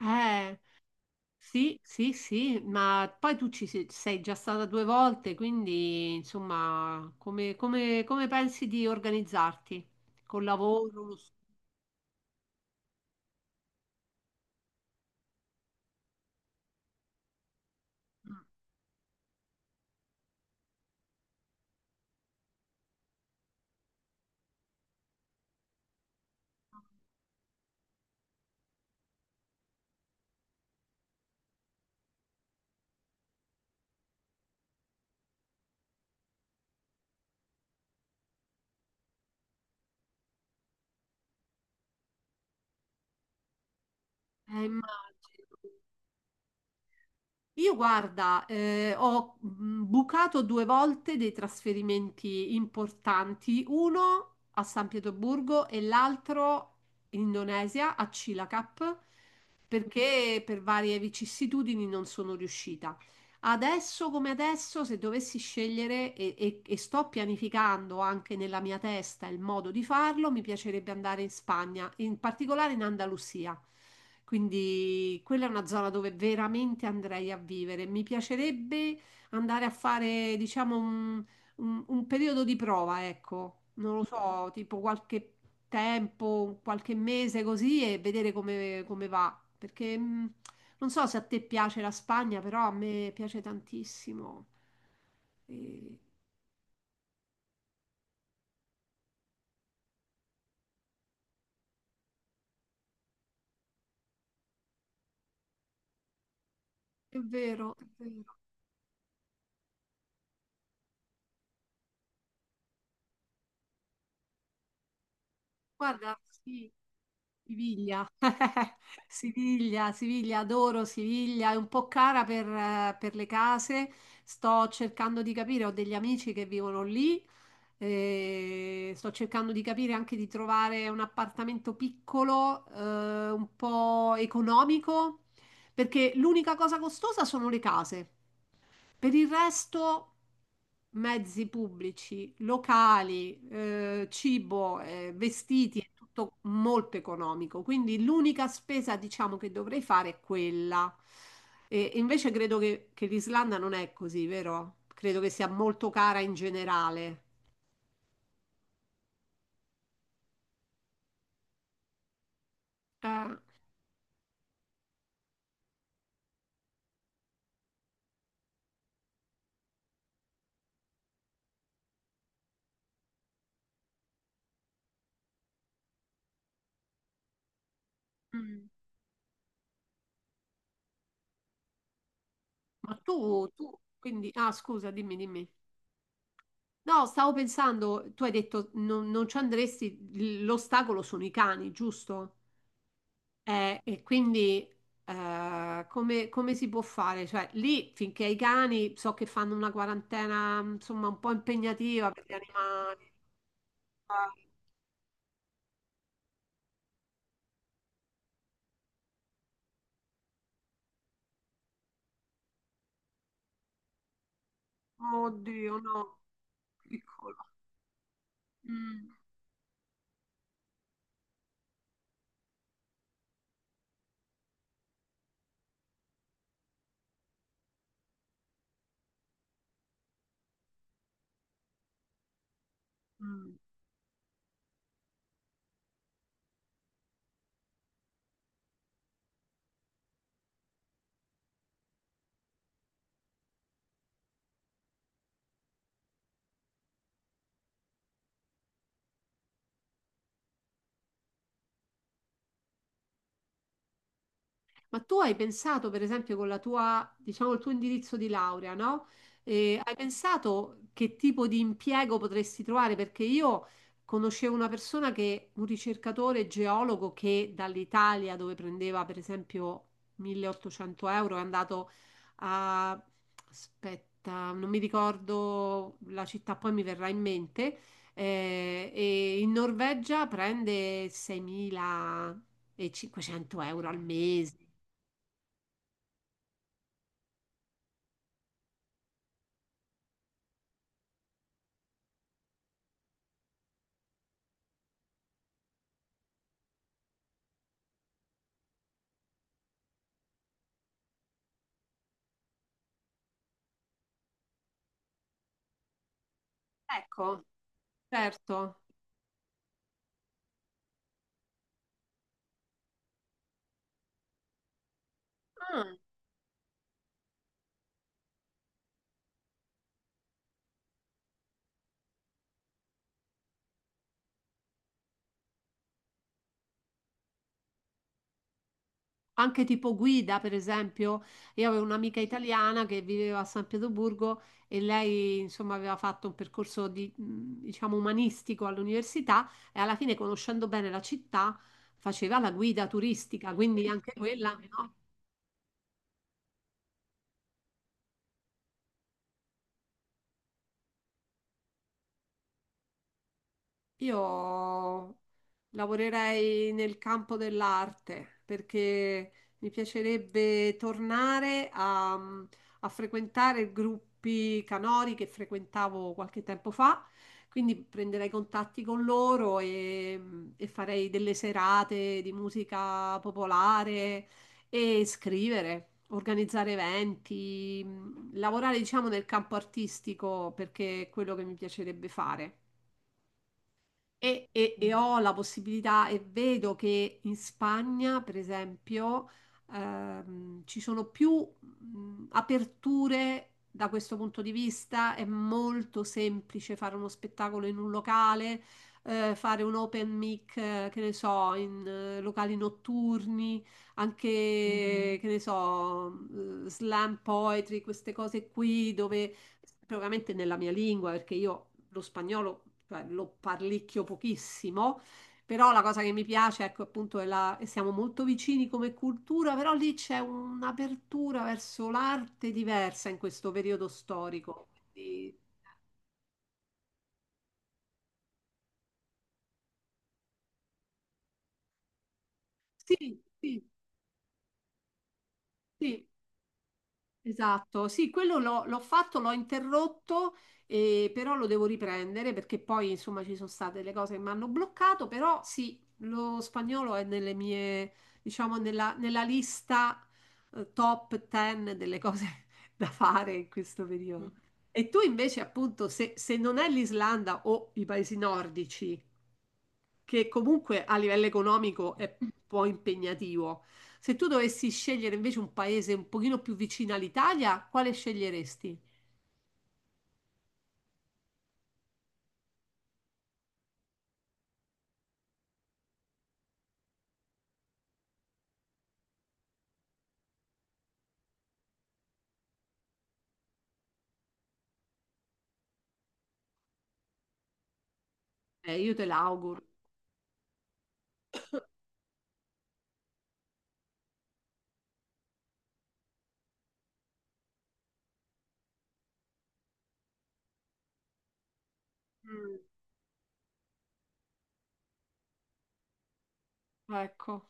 Eh, sì, sì, sì, ma poi tu ci sei già stata due volte, quindi insomma, come pensi di organizzarti? Col lavoro? Immagino. Io guarda, ho bucato due volte dei trasferimenti importanti, uno a San Pietroburgo e l'altro in Indonesia, a Cilacap, perché per varie vicissitudini non sono riuscita. Adesso come adesso, se dovessi scegliere e sto pianificando anche nella mia testa il modo di farlo, mi piacerebbe andare in Spagna, in particolare in Andalusia. Quindi quella è una zona dove veramente andrei a vivere. Mi piacerebbe andare a fare, diciamo, un periodo di prova, ecco, non lo so, tipo qualche tempo, qualche mese così e vedere come va. Perché non so se a te piace la Spagna, però a me piace tantissimo. E- È vero, è vero. Guarda, sì, Siviglia. Siviglia, Siviglia, adoro Siviglia. È un po' cara per le case. Sto cercando di capire, ho degli amici che vivono lì. E sto cercando di capire anche di trovare un appartamento piccolo, un po' economico, perché l'unica cosa costosa sono le case. Per il resto, mezzi pubblici, locali, cibo, vestiti, è tutto molto economico. Quindi l'unica spesa, diciamo, che dovrei fare è quella. E invece credo che l'Islanda non è così, vero? Credo che sia molto cara in generale. Eh, mm. Ma tu, quindi, ah, scusa, dimmi, dimmi. No, stavo pensando, tu hai detto non ci andresti, l'ostacolo sono i cani, giusto? E quindi come si può fare? Cioè, lì finché i cani so che fanno una quarantena, insomma, un po' impegnativa per gli animali. Ah, oddio, no, piccolo. Mm, mm. Ma tu hai pensato, per esempio, con la tua, diciamo, il tuo indirizzo di laurea, no? Hai pensato che tipo di impiego potresti trovare? Perché io conoscevo una persona che, un ricercatore geologo che dall'Italia, dove prendeva per esempio 1800 euro, è andato a, aspetta, non mi ricordo la città, poi mi verrà in mente, e in Norvegia prende 6.500 euro al mese. Ecco, certo. Ah, anche tipo guida, per esempio, io avevo un'amica italiana che viveva a San Pietroburgo e lei, insomma, aveva fatto un percorso di, diciamo, umanistico all'università e alla fine, conoscendo bene la città, faceva la guida turistica, quindi anche quella, no? Io lavorerei nel campo dell'arte perché mi piacerebbe tornare a frequentare i gruppi canori che frequentavo qualche tempo fa, quindi prenderei contatti con loro e farei delle serate di musica popolare e scrivere. Organizzare eventi, lavorare diciamo nel campo artistico perché è quello che mi piacerebbe fare. E ho la possibilità e vedo che in Spagna, per esempio, ci sono più aperture da questo punto di vista. È molto semplice fare uno spettacolo in un locale, fare un open mic, che ne so, in locali notturni, anche, Mhm. Che ne so, slam poetry, queste cose qui dove propriamente nella mia lingua, perché io lo spagnolo, cioè, lo parlicchio pochissimo, però la cosa che mi piace, ecco, appunto, è la, e siamo molto vicini come cultura, però lì c'è un'apertura verso l'arte diversa in questo periodo storico. Quindi, sì, sì, sì. Esatto, sì, quello l'ho fatto, l'ho interrotto, però lo devo riprendere perché poi insomma ci sono state le cose che mi hanno bloccato, però sì, lo spagnolo è nelle mie, diciamo, nella lista top 10 delle cose da fare in questo periodo. E tu invece appunto, se non è l'Islanda o i paesi nordici, che comunque a livello economico è un po' impegnativo. Se tu dovessi scegliere invece un paese un pochino più vicino all'Italia, quale sceglieresti? Io te l'auguro. Mm, ecco.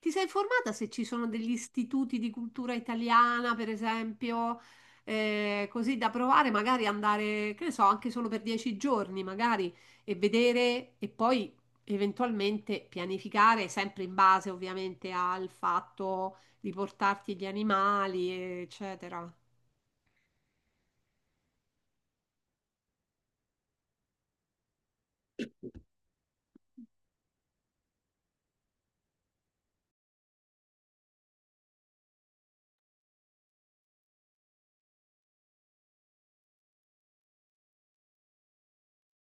Ti sei informata se ci sono degli istituti di cultura italiana, per esempio, così da provare, magari andare, che ne so, anche solo per 10 giorni, magari, e vedere e poi eventualmente pianificare, sempre in base ovviamente al fatto di portarti gli animali, eccetera.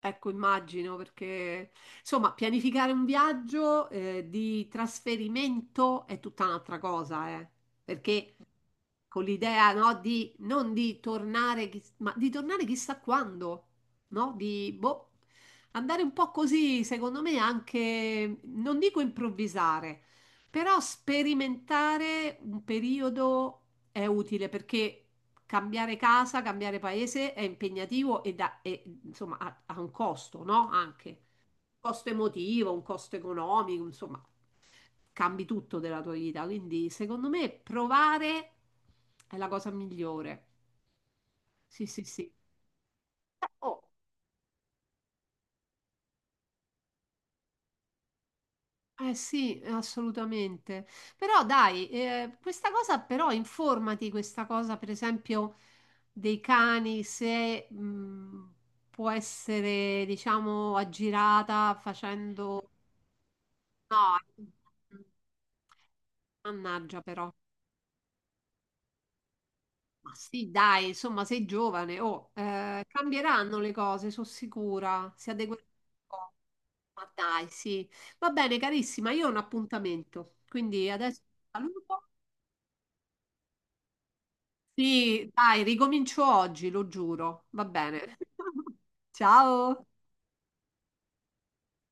Ecco, immagino, perché insomma, pianificare un viaggio, di trasferimento è tutta un'altra cosa, perché con l'idea, no, di non di tornare, ma di tornare chissà quando, no? Di boh, andare un po' così, secondo me, anche, non dico improvvisare, però sperimentare un periodo è utile perché cambiare casa, cambiare paese è impegnativo e, insomma ha un costo, no? Anche costo emotivo, un costo economico, insomma, cambi tutto della tua vita. Quindi, secondo me, provare è la cosa migliore. Sì, sì, sì. Oh, eh sì, assolutamente. Però dai, questa cosa però informati, questa cosa per esempio dei cani, se può essere diciamo aggirata facendo. No, mannaggia però. Ma sì, dai, insomma, sei giovane, oh, cambieranno le cose, sono sicura, si adegueranno un po'. Ma dai, sì. Va bene, carissima, io ho un appuntamento, quindi adesso ti saluto. Sì, dai, ricomincio oggi, lo giuro. Va bene. Ciao.